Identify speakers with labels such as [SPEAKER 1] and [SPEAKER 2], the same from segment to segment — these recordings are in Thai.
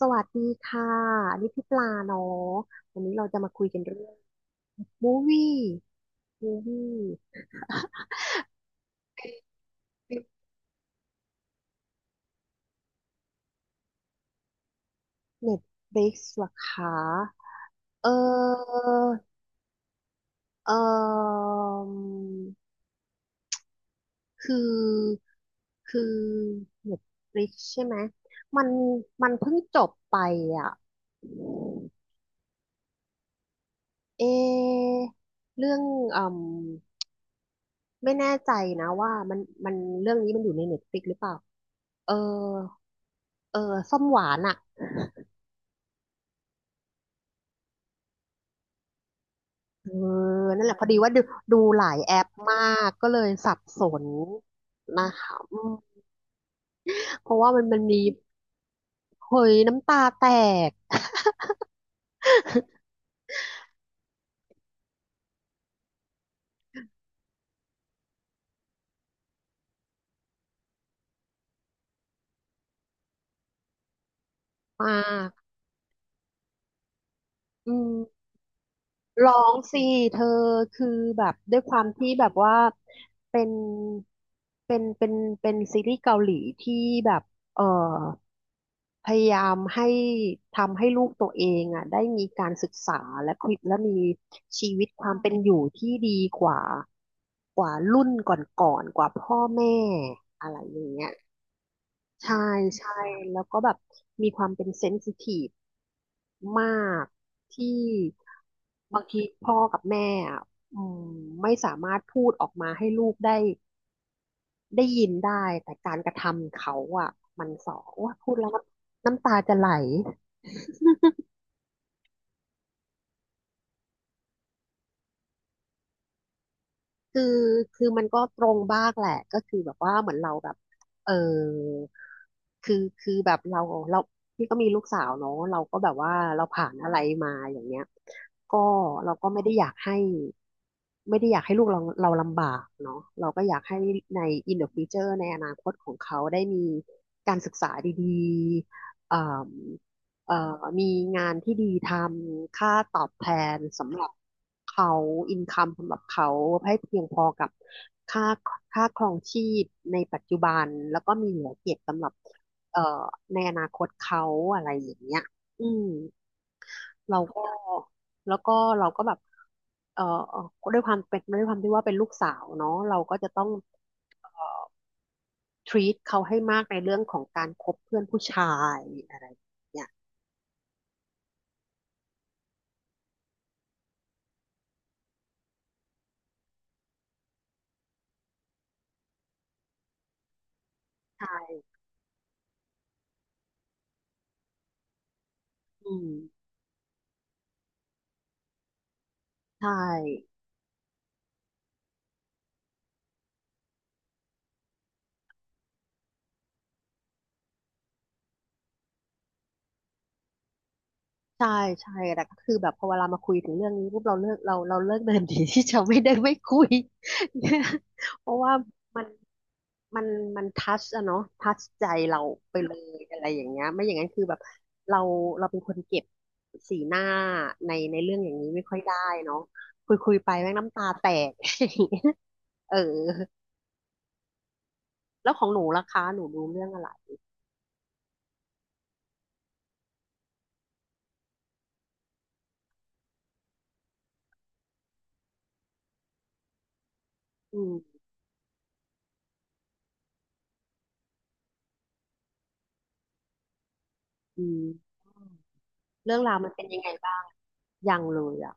[SPEAKER 1] สวัสดีค่ะอันนี่พี่ปลาเนาะวันนี้เราจะมาคุยกันเรื่องมูวี่มูวี่เน็ตฟลิกซ์หรอคะเออเออคือคือเน็ตฟลิกซ์ใช่ไหมมันมันเพิ่งจบไปอ่ะเอเรื่องอืมไม่แน่ใจนะว่ามันเรื่องนี้มันอยู่ในเน็ตฟลิกหรือเปล่าเออเออส้มหวานอะ เออนั่นแหละพอดีว่าดูดูหลายแอปมากก็เลยสับสนนะคะเพราะว่ามันมีเฮ้ยน้ำตาแตก มากอืม ร้องสิเธอคือแบบด้วยความที่แบบว่าเป็นเป็นเป็นซีรีส์เกาหลีที่แบบเออพยายามให้ทำให้ลูกตัวเองอ่ะได้มีการศึกษาและคุยและมีชีวิตความเป็นอยู่ที่ดีกว่ากว่ารุ่นก่อนๆกว่าพ่อแม่อะไรอย่างเงี้ย ใช่ใช่แล้วก็แบบมีความเป็นเซนซิทีฟมากที่บางทีพ่อกับแม่อะอืมไม่สามารถพูดออกมาให้ลูกได้ได้ยินได้แต่การกระทำเขาอ่ะมันสอโอยพูดแล้วน้ำน้ำตาจะไหล คือคือมันก็ตรงบ้างแหละก็คือแบบว่าเหมือนเราแบบเออคือแบบเราพี่ก็มีลูกสาวเนาะเราก็แบบว่าเราผ่านอะไรมาอย่างเงี้ยก็เราก็ไม่ได้อยากให้ไม่ได้อยากให้ลูกเราเราลำบากเนาะเราก็อยากให้ใน in the future ในอนาคตของเขาได้มีการศึกษาดีๆเอ่อมีงานที่ดีทำค่าตอบแทนสำหรับเขาอินคัมสำหรับเขาให้เพียงพอกับค่าค่าครองชีพในปัจจุบันแล้วก็มีเหลือเก็บสำหรับเอ่อในอนาคตเขาอะไรอย่างเงี้ยอืมเราก็แล้วก็เราก็แบบเอ่อด้วยความเป็นด้วยความที่ว่าเป็นลูกสาวเนาะเราก็จะต้อง treat เขาให้มากในเรื่องของการคบเพื่อนผู้ชายอะไรอย่างเงี้ยใช่อืมใช่ ใช่ใช่แต่ก็คือแบบพอเวลามาคุยถึงเรื่องนี้ปุ๊บเราเลิกเราเราเลิกเดินดีที่จะไม่ได้ไม่คุย เพราะว่ามันมันมันทัชอะเนาะทัชใจเราไปเลยอะไรอย่างเงี้ยไม่อย่างนั้นคือแบบเราเราเป็นคนเก็บสีหน้าในในเรื่องอย่างนี้ไม่ค่อยได้เนาะคุยคุยไปแม่งน้ำตาแตก เออแล้วของหนูล่ะคะหนูดูเรื่องอะไรอืมอืมเรื่องราวมันเป็นยังไงบ้างยังเลยอ่ะ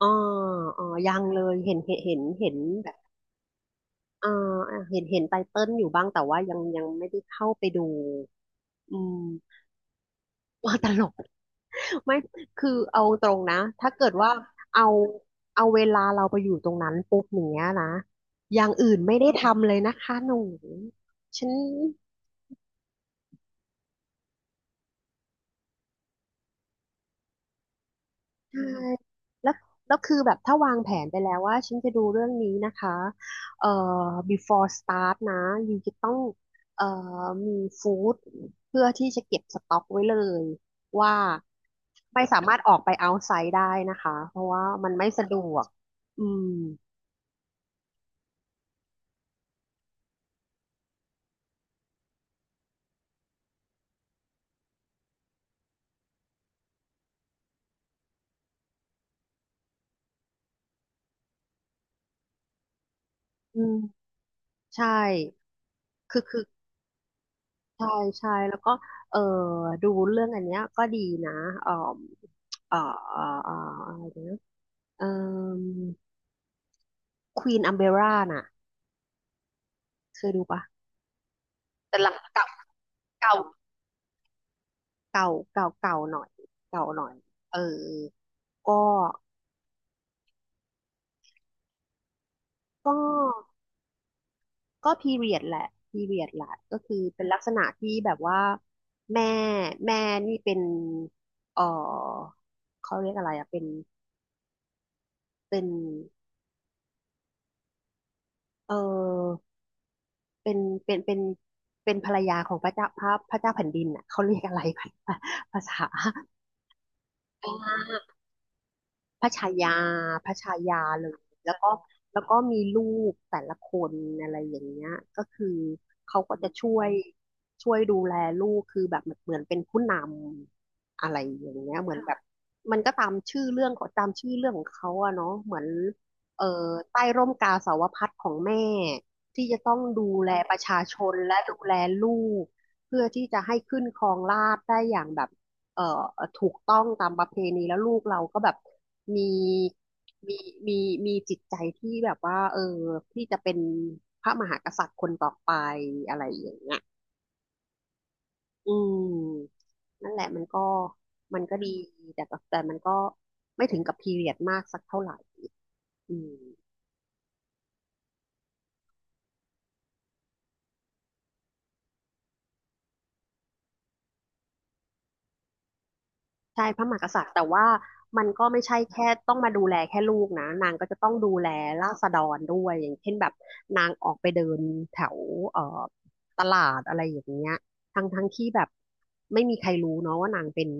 [SPEAKER 1] อ๋ออ๋อยังเลยเห็นแบบอ่าอ่าเห็นเห็นไตเติ้ลอยู่บ้าง แต่ว่ายังยังไม่ได้เข้าไปดูอืม ว่าตลก ไม่คือเอาตรงนะ ถ้าเกิดว่าเอาเอาเวลาเราไปอยู่ตรงนั้นปุ๊บอย่างเนี้ยนะอย่างอื่นไม่ได้ทำเลยนะคะหนูฉัน ใช่แล้วแล้วคือแบบถ้าวางแผนไปแล้วว่าฉันจะดูเรื่องนี้นะคะเอ่อ before start นะยูจะต้องเอ่อมีฟู้ดเพื่อที่จะเก็บสต็อกไว้เลยว่าไม่สามารถออกไป outside ได้นะคะเพราะว่ามันไม่สะดวกอืมอืมใช่คือใช่ใช่แล้วก็เออดูเรื่องอันเนี้ยก็ดีนะเอ่อเอ่อเอ่อเอ่ออะไรนะเอ่อควีนอัมเบร่าน่ะ เคยดูปะแต่หลังเก่าเก่าเก่าเก่าหน่อยเก่าหน่อยเออก็ก็ก็พีเรียดแหละพีเรียดแหละก็คือเป็นลักษณะที่แบบว่าแม่แม่นี่เป็นเออเขาเรียกอะไรอ่ะเป็นเป็นเออเป็นเป็นเป็นเป็นภรรยาของพระเจ้าพระพระเจ้าแผ่นดินอ่ะเขาเรียกอะไร ภาษา พระชายาพระชายาเลยแล้วก็แล้วก็มีรูปแต่ละคนอะไรอย่างเงี้ยก็คือเขาก็จะช่วยช่วยดูแลลูกคือแบบเหมือนเป็นผู้นำอะไรอย่างเงี้ยเหมือนแบบมันก็ตามชื่อเรื่องของตามชื่อเรื่องของเขาอะเนาะเหมือนเอ่อใต้ร่มกาสาวพัสต์ของแม่ที่จะต้องดูแลประชาชนและดูแลลูกเพื่อที่จะให้ขึ้นครองราชย์ได้อย่างแบบ เอ่อถูกต้องตามประเพณีแล้วลูกเราก็แบบมีมีมีมีจิตใจที่แบบว่าเออที่จะเป็นพระมหากษัตริย์คนต่อไปอะไรอย่างเงี้ยอืมนั่นแหละมันก็มันก็ดีแต่ก็แต่มันก็ไม่ถึงกับพีเรียดมากสักเท่าไหร่อืม ใช่พระมหากษัตริย์แต่ว่ามันก็ไม่ใช่แค่ต้องมาดูแลแค่ลูกนะนางก็จะต้องดูแลราษฎรด้วยอย่างเช่นแบบนางออกไปเดินแถวเอ่อตลาดอะไรอย่างเงี้ยทั้งที่แบบไม่มีใครรู้เนาะว่านางเป็น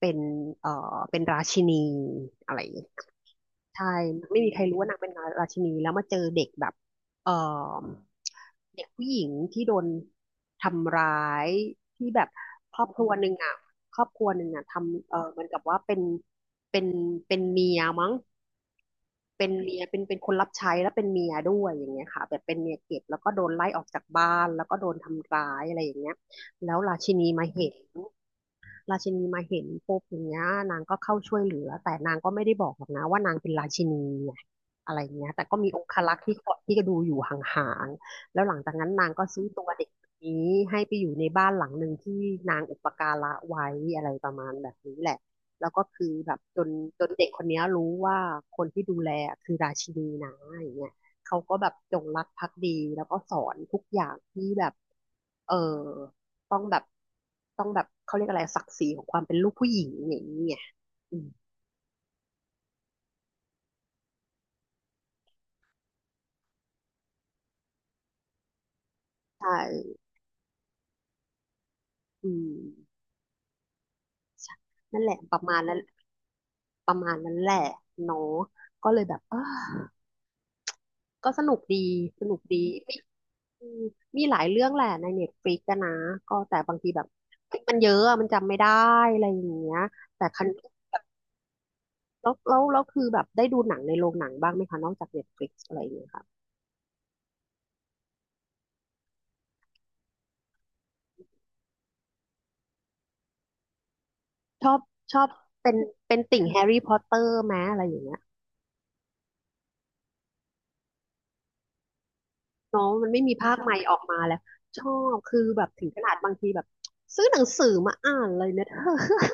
[SPEAKER 1] เป็นเป็นราชินีอะไรอย่างี้ ใช่ไม่มีใครรู้ว่านางเป็นราชินีแล้วมาเจอเด็กแบบเอ่อเด็กผู้หญิงที่โดนทำร้ายที่แบบครอบครัวหนึ่งอ่ะครอบครัวหนึ่งอ่ะทำเออเหมือนกับว่าเป็นเป็นเป็นเมียมั้งเป็นเมียเป็นคนรับใช้แล้วเป็นเมียด้วยอย่างเงี้ยค่ะแบบเป็นเมียเก็บแล้วก็โดนไล่ออกจากบ้านแล้วก็โดนทำร้ายอะไรอย่างเงี้ยแล้วราชินีมาเห็น ราชินีมาเห็นปุ๊บอย่างเงี้ยนางก็เข้าช่วยเหลือแต่นางก็ไม่ได้บอกหรอกนะว่านางเป็นราชินีไงอะไรเงี้ยแต่ก็มีองครักษ์ที่เกาะที่ก็ดูอยู่ห่างๆแล้วหลังจากนั้นนางก็ซื้อตัวเด็กคนนี้ให้ไปอยู่ในบ้านหลังหนึ่งที่นางอุปการะไว้อะไรประมาณแบบนี้แหละแล้วก็คือแบบจนเด็กคนเนี้ยรู้ว่าคนที่ดูแลคือราชินีนะอย่างเงี้ยเขาก็แบบจงรักภักดีแล้วก็สอนทุกอย่างที่แบบเออ ต้องแบบต้องแบบเขาเรียกอะไรศักดิ์ศรีของความเป็นลูกผู้หญิงอย่างนี้ไงอืมใช่อืมนั่นแหละประมาณนั้นประมาณนั้นแหละเนาะก็เลยแบบเออก็สนุกดีสนุกดีมีอืมมีหลายเรื่องแหละในเน็ตฟลิกซ์นะก็แต่บางทีแบบมันเยอะอะมันจำไม่ได้อะไรอย่างเงี้ยแต่คันแบบแล้วคือแบบได้ดูหนังในโรงหนังบ้างไหมคะนอกจากเน็ตฟลิกซ์อะไรอย่างเงี้ยค่ะชอบชอบเป็นติ่งแฮร์รี่พอตเตอร์ไหมอะไรอย่างเงี้ย เนาะมันไม่มีภาคใหม่ออกมาแล้วชอบคือแบบถึงขนาดบางทีแบบซื้อหนังสือมาอ่านเลยนะเธอ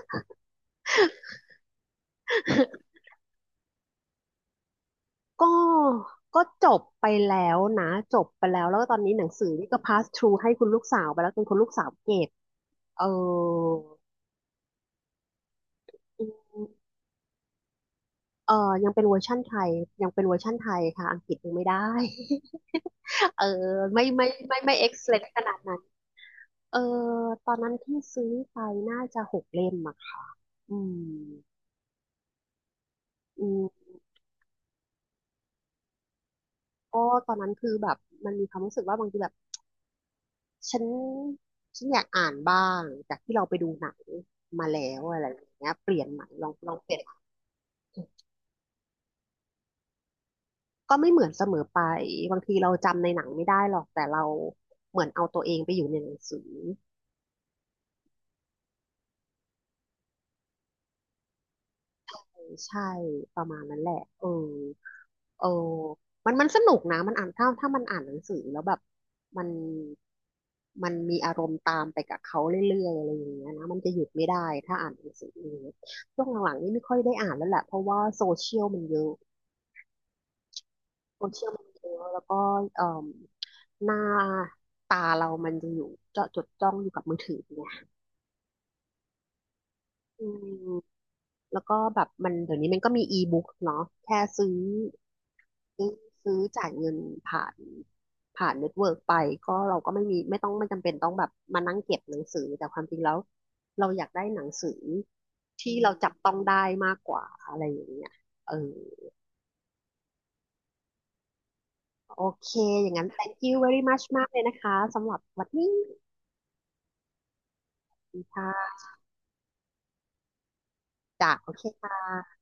[SPEAKER 1] ก็ก็จบไปแล้วนะจบไปแล้วแล้วก็ตอนนี้หนังสือนี่ก็ pass through ให้คุณลูกสาวไปแล้วจนคุณลูกสาวเก็บเอออืมเออยังเป็นเวอร์ชั่นไทยยังเป็นเวอร์ชั่นไทยค่ะอังกฤษยังไม่ได้ เออไม่ excellent ขนาดนั้นเออตอนนั้นที่ซื้อไปน่าจะ6 เล่มอะค่ะอืมอืม ก็ตอนนั้นคือแบบมันมีความรู้สึกว่าบางทีแบบฉันฉันอยากอ่านบ้างจากที่เราไปดูหนังมาแล้วอะไรอย่างเงี้ยเปลี่ยนใหม่ลองเปลี่ยนก็ไม่เหมือนเสมอไปบางทีเราจำในหนังไม่ได้หรอกแต่เราเหมือนเอาตัวเองไปอยู่ในหนังสือ ใช่ประมาณนั้นแหละเออเออมันสนุกนะมันอ่านถ้ามันอ่านหนังสือแล้วแบบมันมันมีอารมณ์ตามไปกับเขาเรื่อยๆอะไรอย่างเงี้ยนะมันจะหยุดไม่ได้ถ้าอ่านหนังสืออย่างเงี้ยช่วงหลังๆนี่ไม่ค่อยได้อ่านแล้วแหละเพราะว่าโซเชียลมันเยอะโซเชียลมันเยอะ แล้วก็เอ่มหน้าตาเรามันจะอยู่เจาะจดจ้องอยู่กับมือถือไงอืมแล้วก็แบบมันเดี๋ยวนี้มันก็มีอีบุ๊กเนาะแค่ซื้อ ซื้อซื้อจ่ายเงินผ่านผ่านเน็ตเวิร์กไปก็เราก็ไม่มีไม่จำเป็นต้องแบบมานั่งเก็บหนังสือแต่ความจริงแล้วเราอยากได้หนังสือที่เราจับต้องได้มากกว่าอะไรอย่างเงี้ยเออโอเคอย่างนั้น thank you very much มากเลยนะคะสำหรับวันนี้ค่ะโอเคค่ะ